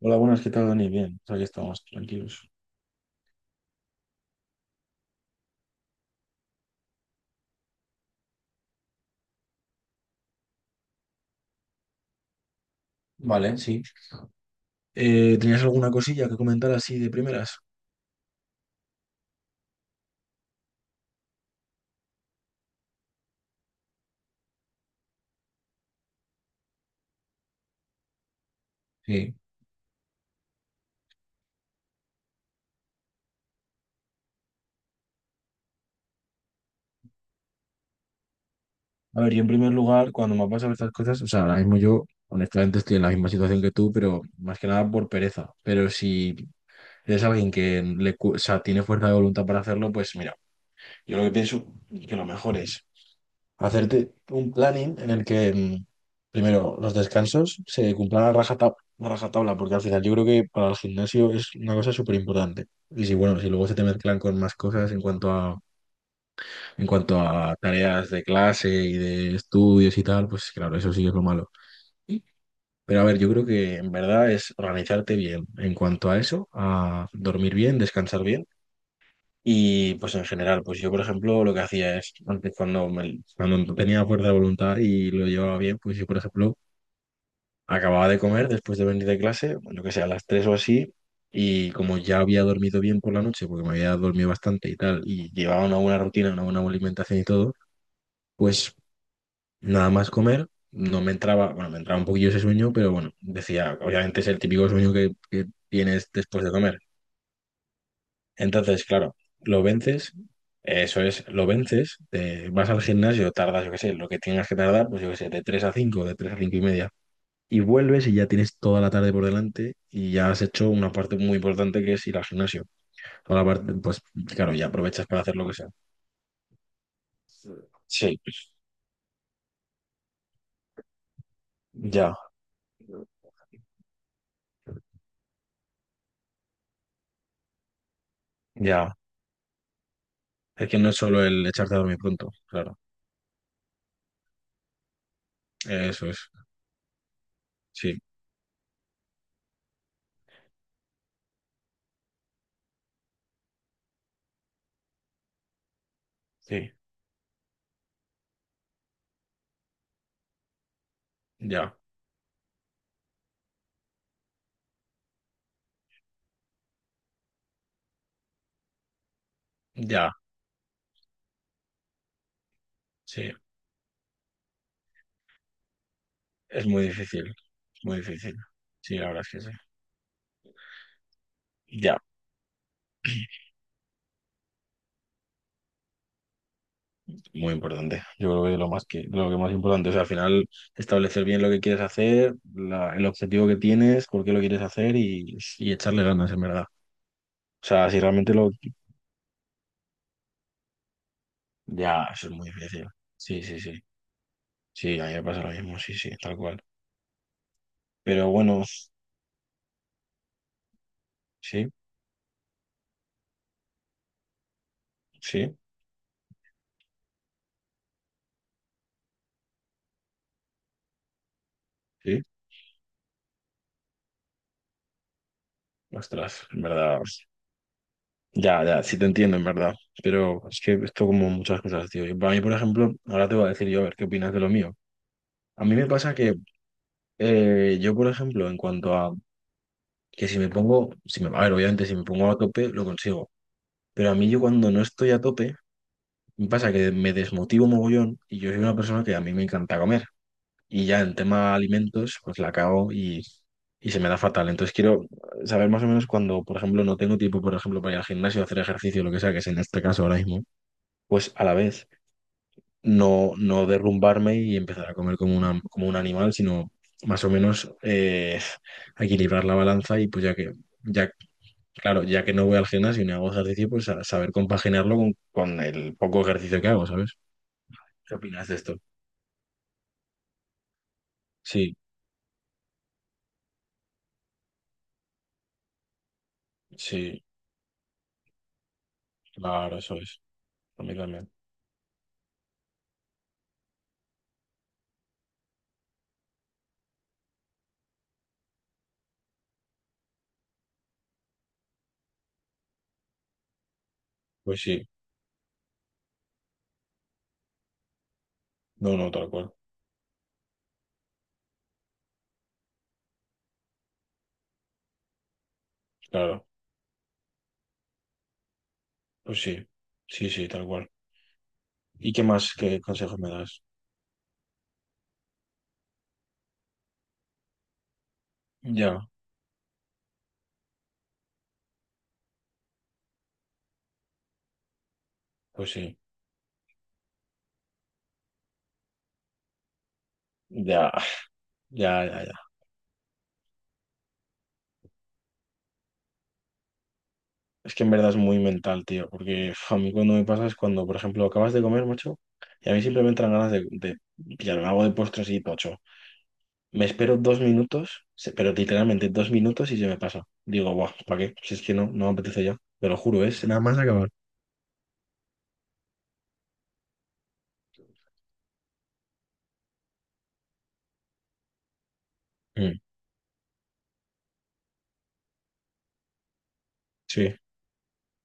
Hola, buenas, ¿qué tal, Dani? Bien, pues aquí estamos, tranquilos. Vale, sí. ¿Tenías alguna cosilla que comentar así de primeras? Sí. A ver, yo en primer lugar, cuando me pasan estas cosas, o sea, ahora mismo yo, honestamente, estoy en la misma situación que tú, pero más que nada por pereza. Pero si eres alguien que o sea, tiene fuerza de voluntad para hacerlo, pues mira, yo lo que pienso que lo mejor es hacerte un planning en el que, primero, los descansos se cumplan a rajatabla, porque al final yo creo que para el gimnasio es una cosa súper importante. Y si, bueno, si luego se te mezclan con más cosas en cuanto a tareas de clase y de estudios y tal, pues claro, eso sí que es lo malo. Pero a ver, yo creo que en verdad es organizarte bien en cuanto a eso, a dormir bien, descansar bien, y pues en general, pues yo por ejemplo lo que hacía es, antes cuando tenía fuerza de voluntad y lo llevaba bien, pues yo por ejemplo acababa de comer después de venir de clase, yo que sé, a las 3 o así, y como ya había dormido bien por la noche, porque me había dormido bastante y tal, y llevaba una buena rutina, una buena alimentación y todo, pues nada más comer, no me entraba, bueno, me entraba un poquillo ese sueño, pero bueno, decía, obviamente es el típico sueño que tienes después de comer. Entonces, claro, lo vences, eso es, lo vences, te vas al gimnasio, tardas, yo qué sé, lo que tengas que tardar, pues yo qué sé, de 3 a 5 y media. Y vuelves y ya tienes toda la tarde por delante y ya has hecho una parte muy importante que es ir al gimnasio. Toda la parte, pues claro, ya aprovechas para hacer lo que sea. Sí, ya, ya. Es que no es solo el echarte a dormir pronto, claro. Eso es, sí, sí, ya, ya, sí. Es muy difícil, muy difícil. Sí, la verdad es que sí. Ya. Muy importante. Yo creo que lo que más importante es al final establecer bien lo que quieres hacer, el objetivo que tienes, por qué lo quieres hacer y echarle ganas, en verdad. O sea, si realmente lo... Ya, eso es muy difícil. Sí, sí, sí. Sí, a mí me pasa lo mismo, sí, sí, tal cual. Pero bueno, sí, sí, sí. Ostras, en verdad. Ya, ya, sí te entiendo, en verdad. Pero es que esto como muchas cosas, tío. Y para mí, por ejemplo, ahora te voy a decir yo, a ver, ¿qué opinas de lo mío? A mí me pasa que yo, por ejemplo, en cuanto a que si me pongo, si me, a ver, obviamente si me pongo a tope, lo consigo. Pero a mí yo cuando no estoy a tope, me pasa que me desmotivo mogollón y yo soy una persona que a mí me encanta comer. Y ya en tema alimentos, y se me da fatal. Entonces quiero saber más o menos cuando, por ejemplo, no tengo tiempo, por ejemplo, para ir al gimnasio, hacer ejercicio, lo que sea, que es en este caso ahora mismo, pues a la vez no derrumbarme y empezar a comer como un animal, sino más o menos equilibrar la balanza y pues ya que ya claro, ya que no voy al gimnasio ni hago ejercicio, pues a saber compaginarlo con el poco ejercicio que hago, ¿sabes? ¿Qué opinas de esto? Sí, sí, claro, eso es. A mí también. Pues sí, no, no, tal cual. Claro, pues sí, sí, sí, tal cual. ¿Y qué más, qué consejos me das? Ya, pues sí, ya, ya, ya, ya. Es que en verdad es muy mental, tío, porque uf, a mí cuando me pasa es cuando, por ejemplo, acabas de comer, macho, y a mí simplemente me entran ganas de pillarme algo de postre así, tocho. Me espero dos minutos, pero literalmente dos minutos y se me pasa. Digo, guau, ¿para qué? Si es que no, no me apetece ya. Te lo juro, es nada más acabar. Mm, sí,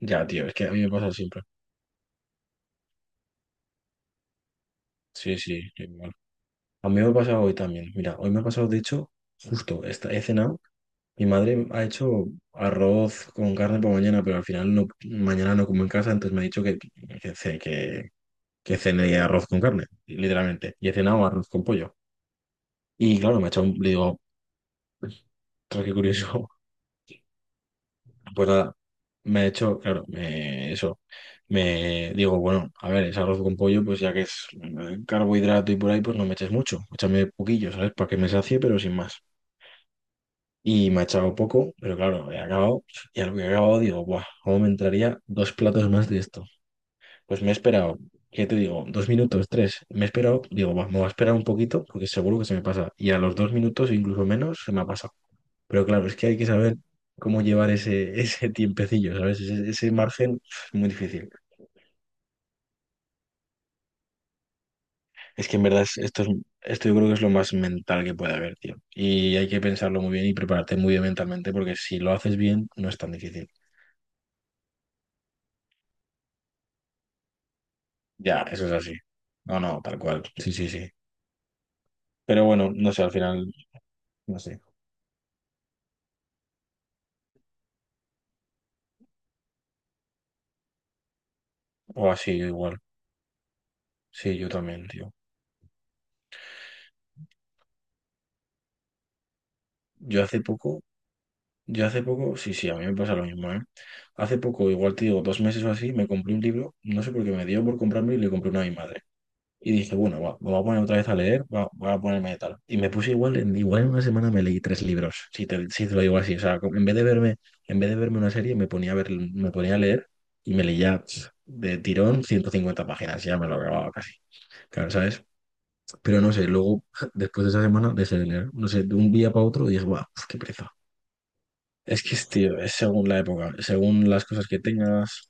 ya, tío, es que a mí me pasa siempre. Sí, sí, igual. A mí me ha pasado hoy también. Mira, hoy me ha pasado, de hecho, he cenado. Mi madre ha hecho arroz con carne para mañana, pero al final no, mañana no como en casa, entonces me ha dicho que, ce- que, que cene arroz con carne, literalmente. Y he cenado arroz con pollo. Y claro, me ha hecho un, le digo, ostras, qué curioso. Pues nada, me he hecho, claro, me, eso, me digo, bueno, a ver, es arroz con pollo, pues ya que es carbohidrato y por ahí, pues no me eches mucho, échame poquillo, ¿sabes? Para que me sacie, pero sin más. Y me ha echado poco, pero claro, he acabado, y al que he acabado digo, guau, ¿cómo me entraría dos platos más de esto? Pues me he esperado, ¿qué te digo? Dos minutos, tres. Me he esperado, digo, "Va, me voy a esperar un poquito porque seguro que se me pasa". Y a los dos minutos, incluso menos, se me ha pasado. Pero claro, es que hay que saber cómo llevar ese, ese tiempecillo, ¿sabes? Ese margen es muy difícil. Es que en verdad esto yo creo que es lo más mental que puede haber, tío. Y hay que pensarlo muy bien y prepararte muy bien mentalmente porque si lo haces bien, no es tan difícil. Ya, eso es así. No, no, tal cual. Sí, sí, sí. Pero bueno, no sé, al final, no sé. O así, igual. Sí, yo también, tío. Yo hace poco, yo hace poco, sí, sí, a mí me pasa lo mismo, ¿eh? Hace poco, igual te digo, dos meses o así, me compré un libro, no sé por qué me dio por comprarme y le compré uno a mi madre. Y dije, bueno, va, me voy a poner otra vez a leer, va, voy a ponerme de tal. Y me puse igual, igual en una semana me leí tres libros, si te lo digo así. O sea, como en vez de verme, en vez de verme una serie, me ponía a leer y me leía pf, de tirón 150 páginas, ya me lo acababa casi. Claro, ¿sabes? Pero no sé, luego, después de esa semana, de ese leer, no sé, de un día para otro dije, guau, qué pereza. Tío, es según la época, según las cosas que tengas.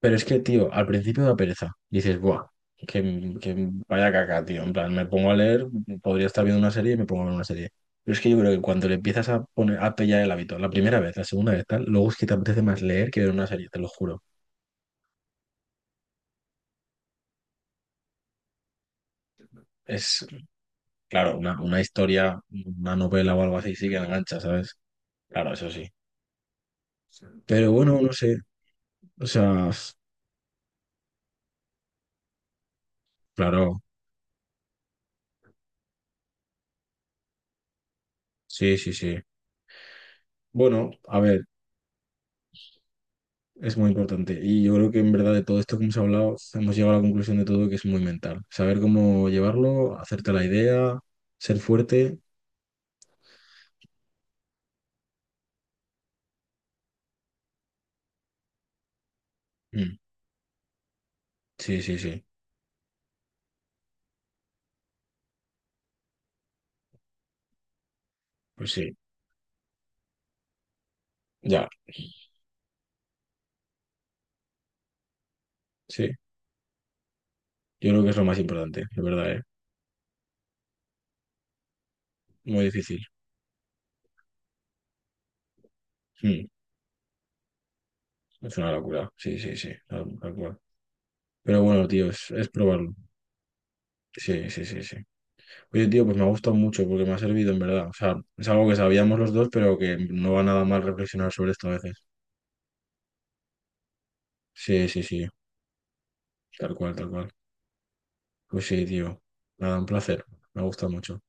Pero es que, tío, al principio da pereza. Dices, buah, que vaya caca, tío. En plan, me pongo a leer, podría estar viendo una serie y me pongo a ver una serie. Pero es que yo creo que cuando le empiezas a poner, a pillar el hábito, la primera vez, la segunda vez, tal, luego es que te apetece más leer que ver una serie, te lo juro. Es, claro, una historia, una novela o algo así, sí que engancha, ¿sabes? Claro, eso sí. Pero bueno, no sé. O sea, claro, sí, sí, sí. Bueno, a ver. Es muy importante. Y yo creo que en verdad de todo esto que hemos hablado, hemos llegado a la conclusión de todo que es muy mental. Saber cómo llevarlo, hacerte la idea, ser fuerte. Mm, sí, sí, sí. Pues sí, ya, sí. Yo creo que es lo más importante, de verdad, ¿eh? Muy difícil. Mm, es una locura. Sí, sí, sí. Tal, tal cual. Pero bueno, tío, es probarlo. Sí, sí, sí, sí. Oye, tío, pues me ha gustado mucho porque me ha servido, en verdad. O sea, es algo que sabíamos los dos, pero que no va nada mal reflexionar sobre esto a veces. Sí, sí, sí. Tal cual, tal cual. Pues sí, tío. Nada, un placer. Me ha gustado mucho.